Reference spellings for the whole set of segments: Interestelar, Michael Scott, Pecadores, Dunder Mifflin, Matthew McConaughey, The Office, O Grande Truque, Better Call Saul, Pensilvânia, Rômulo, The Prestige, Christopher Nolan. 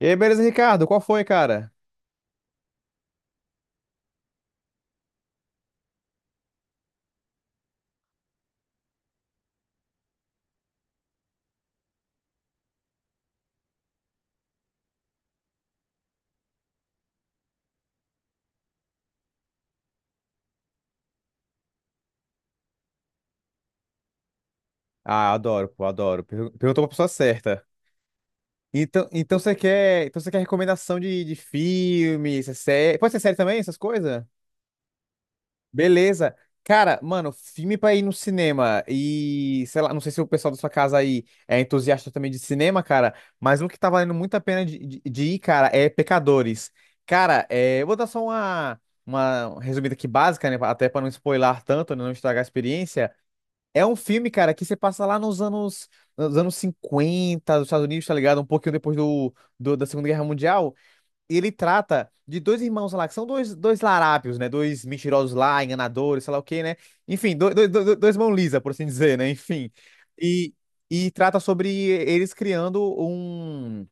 E aí, beleza, Ricardo? Qual foi, cara? Ah, adoro, pô, adoro. Perguntou pra pessoa certa. Então, você quer recomendação de filme, essa série? Pode ser série também, essas coisas? Beleza. Cara, mano, filme pra ir no cinema e, sei lá, não sei se o pessoal da sua casa aí é entusiasta também de cinema, cara, mas um que tá valendo muito a pena de, de ir, cara, é Pecadores. Cara, eu vou dar só uma resumida aqui básica, né, até pra não spoiler tanto, né, não estragar a experiência. É um filme, cara, que você passa lá nos anos, 50 dos Estados Unidos, tá ligado? Um pouquinho depois da Segunda Guerra Mundial. E ele trata de dois irmãos lá, que são dois larápios, né? Dois mentirosos lá, enganadores, sei lá o quê, né? Enfim, dois mão lisa, por assim dizer, né? Enfim. E, e trata sobre eles criando um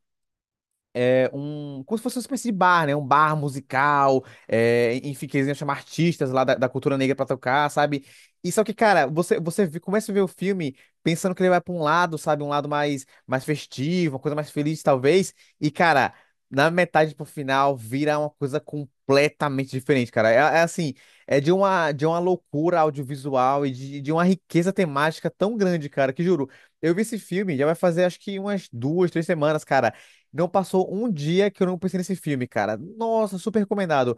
é, um, como se fosse uma espécie de bar, né? Um bar musical, enfim, que eles iam chamar artistas lá da, cultura negra pra tocar, sabe? E só que, cara, começa a ver o filme pensando que ele vai pra um lado, sabe? Um lado mais festivo, uma coisa mais feliz, talvez. E, cara, na metade pro final vira uma coisa completamente diferente, cara. É assim, é de uma loucura audiovisual e de uma riqueza temática tão grande, cara, que juro. Eu vi esse filme, já vai fazer acho que umas duas, três semanas, cara. Não passou um dia que eu não pensei nesse filme, cara. Nossa, super recomendado.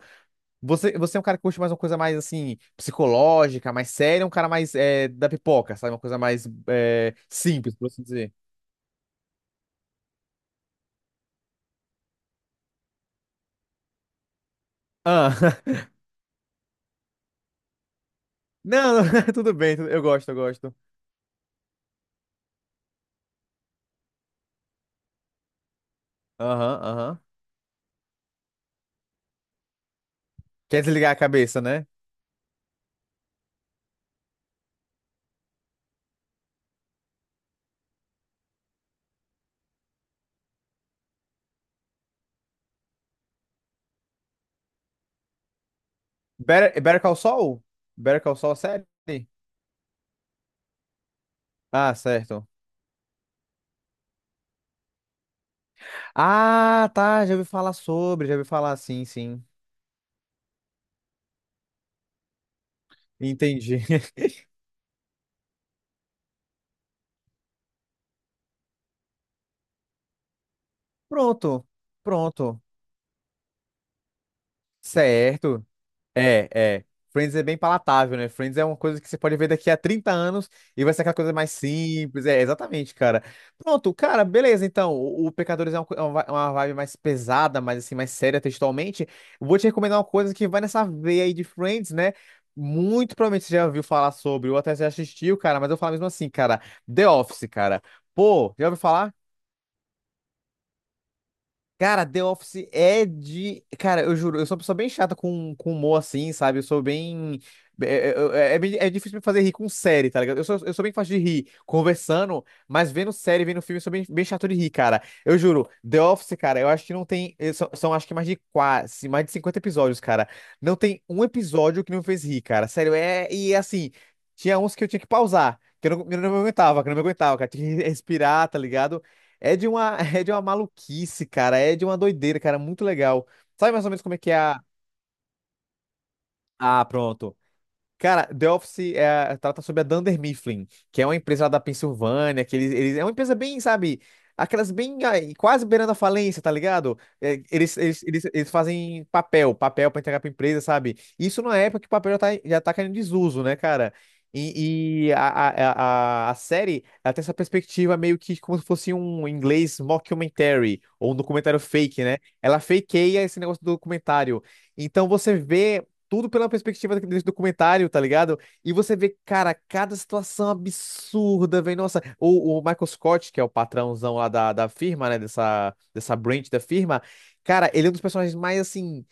Você é um cara que curte mais uma coisa mais, assim, psicológica, mais séria, um cara mais da pipoca, sabe? Uma coisa mais simples, por assim dizer. Ah, não, não, tudo bem, eu gosto, eu gosto. Aham, aham. Quer desligar a cabeça, né? Better Call Saul? Better Call Saul, série? Ah, certo. Ah, tá, já ouvi falar, sim, sim. Entendi. Pronto, pronto. Certo. É, é. Friends é bem palatável, né? Friends é uma coisa que você pode ver daqui a 30 anos e vai ser aquela coisa mais simples. É, exatamente, cara. Pronto, cara, beleza. Então, o Pecadores é uma, co- é uma vi- uma vibe mais pesada, mais assim, mais séria textualmente. Eu vou te recomendar uma coisa que vai nessa veia aí de Friends, né? Muito provavelmente você já ouviu falar sobre, ou até já assistiu, cara, mas eu falo mesmo assim, cara. The Office, cara. Pô, já ouviu falar? Cara, The Office é de. Cara, eu juro, eu sou uma pessoa bem chata com, humor assim, sabe? Eu sou bem. É difícil me fazer rir com série, tá ligado? Eu sou bem fácil de rir conversando, mas vendo série, vendo filme, eu sou bem, bem chato de rir, cara. Eu juro, The Office, cara, eu acho que não tem. São acho que mais de 50 episódios, cara. Não tem um episódio que não me fez rir, cara. Sério, é. E assim, tinha uns que eu tinha que pausar, que eu não me aguentava, que eu não me aguentava, cara. Tinha que respirar, tá ligado? É de uma, é de uma maluquice, cara. É de uma doideira, cara. Muito legal. Sabe mais ou menos como é que é a. Ah, pronto. Cara, The Office trata sobre a Dunder Mifflin, que é uma empresa lá da Pensilvânia, que é uma empresa bem, sabe, aquelas bem, ai, quase beirando a falência, tá ligado? É, eles fazem papel pra entregar pra empresa, sabe? Isso numa época que o papel já tá, caindo em desuso, né, cara? E a série, ela tem essa perspectiva meio que como se fosse um inglês mockumentary, ou um documentário fake, né? Ela fakeia esse negócio do documentário. Então você vê tudo pela perspectiva desse documentário, tá ligado? E você vê, cara, cada situação absurda, velho. Nossa, o Michael Scott, que é o patrãozão lá da firma, né? Dessa branch da firma, cara, ele é um dos personagens mais, assim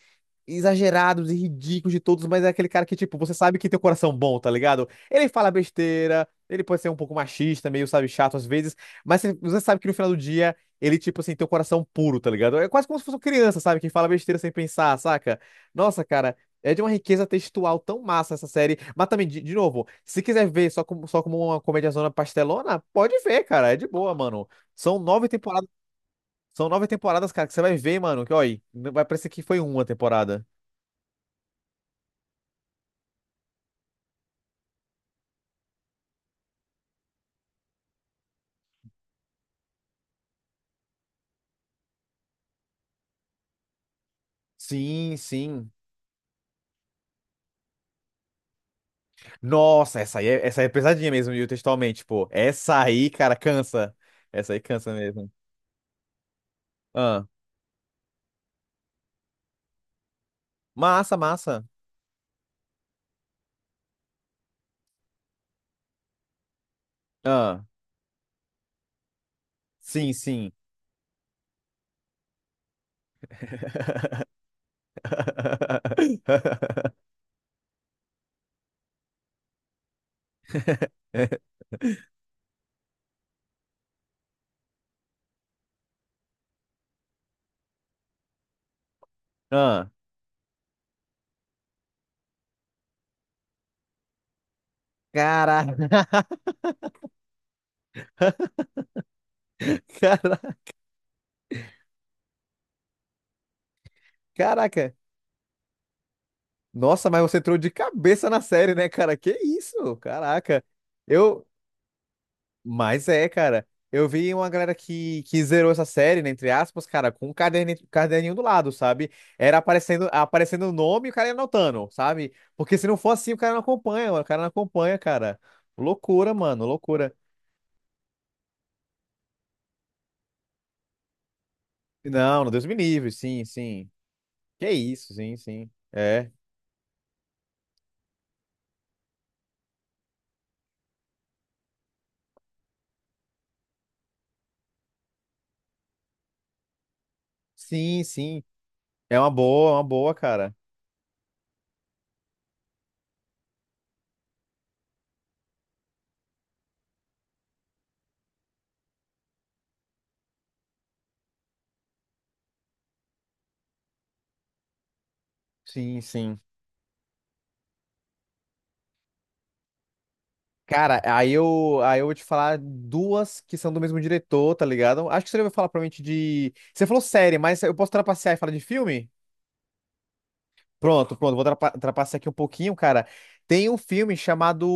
exagerados e ridículos de todos, mas é aquele cara que, tipo, você sabe que tem um coração bom, tá ligado? Ele fala besteira, ele pode ser um pouco machista, meio, sabe, chato às vezes, mas você sabe que no final do dia ele, tipo assim, tem um coração puro, tá ligado? É quase como se fosse uma criança, sabe, que fala besteira sem pensar, saca? Nossa, cara. É de uma riqueza textual tão massa essa série. Mas também, de novo, se quiser ver só como uma comédiazona pastelona, pode ver, cara. É de boa, mano. São nove temporadas. São nove temporadas, cara, que você vai ver, mano. Que, olha, vai parecer que foi uma temporada. Sim, sim. Nossa, essa aí é pesadinha mesmo, e textualmente, pô. Essa aí, cara, cansa. Essa aí cansa mesmo. Ah, massa, massa. Ah, sim, sim. Ah, caraca. Cara- Caraca. Nossa, mas você entrou de cabeça na série, né, cara? Que isso? Caraca. Eu Mas é, cara. Eu vi uma galera que zerou essa série, né, entre aspas, cara, com um caderninho, caderninho do lado, sabe? Era aparecendo aparecendo o nome e o cara ia anotando, sabe? Porque se não for assim, o cara não acompanha, mano, o cara não acompanha, cara. Loucura, mano, loucura. Não, não, Deus me livre, sim, sim. Que isso, sim, sim. É, sim, sim. É uma boa, cara. Sim, sim. Cara, aí eu vou te falar duas que são do mesmo diretor, tá ligado? Acho que você vai falar provavelmente de. Você falou série, mas eu posso trapacear e falar de filme? Pronto, pronto, vou trapacear aqui um pouquinho, cara. Tem um filme chamado,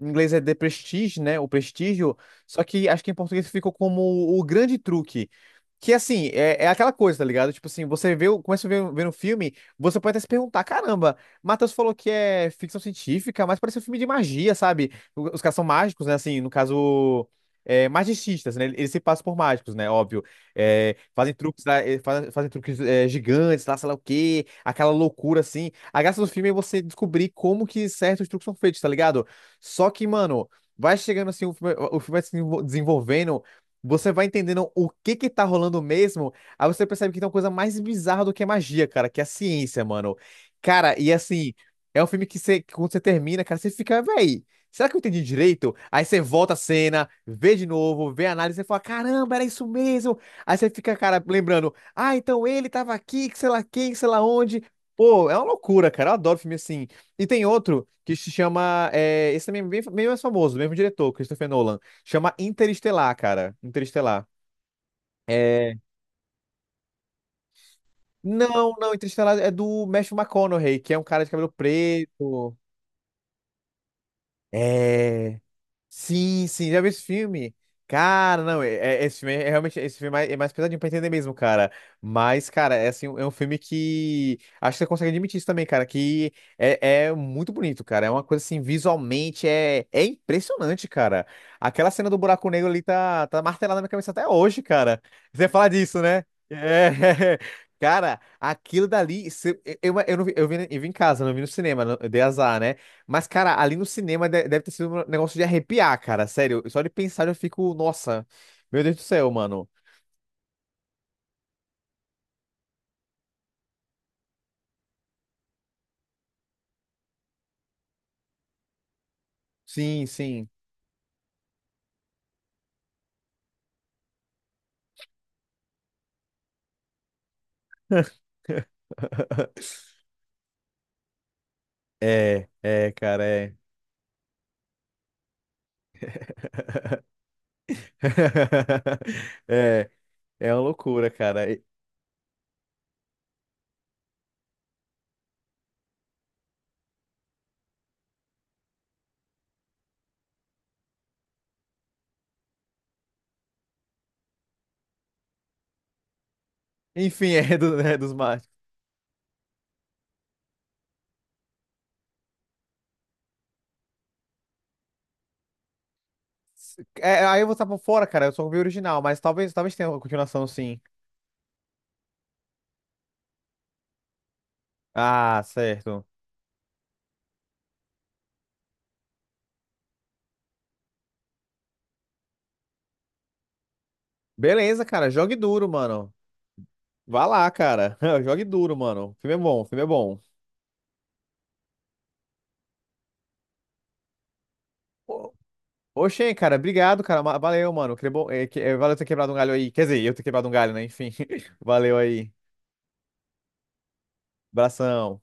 em inglês é The Prestige, né? O Prestígio, só que acho que em português ficou como O Grande Truque. Que assim, é aquela coisa, tá ligado? Tipo assim, começa a ver um filme, você pode até se perguntar: Caramba, Matheus falou que é ficção científica, mas parece um filme de magia, sabe? Os caras são mágicos, né? Assim, no caso, magicistas, né? Eles se passam por mágicos, né? Óbvio. É, fazem truques, lá, fazem truques gigantes, lá, sei lá o quê, aquela loucura assim. A graça do filme é você descobrir como que certos truques são feitos, tá ligado? Só que, mano, vai chegando assim, o filme vai se desenvolvendo, você vai entendendo o que que tá rolando mesmo, aí você percebe que tem uma coisa mais bizarra do que a magia, cara, que é a ciência, mano. Cara, e assim, é um filme que, que quando você termina, cara, você fica, véi. Será que eu entendi direito? Aí você volta a cena, vê de novo, vê a análise e fala: Caramba, era isso mesmo! Aí você fica, cara, lembrando, ah, então ele tava aqui, que sei lá quem, que sei lá onde. Pô, é uma loucura, cara. Eu adoro filme assim. E tem outro que se chama. Esse também é bem mais famoso, mesmo diretor, Christopher Nolan. Chama Interestelar, cara. Interestelar. Não, não, Interestelar é do Matthew McConaughey, que é um cara de cabelo preto. É. Sim, sim, já vi esse filme. Cara, não, é, esse filme é realmente esse filme é mais pesadinho pra entender mesmo, cara. Mas, cara, assim, é um filme que acho que você consegue admitir isso também, cara, que é muito bonito, cara. É uma coisa assim, visualmente é impressionante, cara. Aquela cena do buraco negro ali tá martelada na minha cabeça até hoje, cara. Você falar disso, né? É. Cara, aquilo dali, eu vi em casa, não vi no cinema, eu dei azar, né? Mas, cara, ali no cinema deve ter sido um negócio de arrepiar, cara. Sério, só de pensar eu fico, nossa, meu Deus do céu, mano. Sim, sim. É, é, cara, é. É, é uma loucura, cara. Enfim, é dos mágicos. É, aí eu vou estar por fora, cara. Eu só vi o original, mas talvez tenha uma continuação, sim. Ah, certo. Beleza, cara. Jogue duro, mano. Vá lá, cara. Jogue duro, mano. O filme é bom, o filme é bom. Ô, ô, Shen, cara, obrigado, cara. Valeu, mano. Que bom, valeu ter quebrado um galho aí. Quer dizer, eu ter quebrado um galho, né? Enfim, valeu aí. Abração.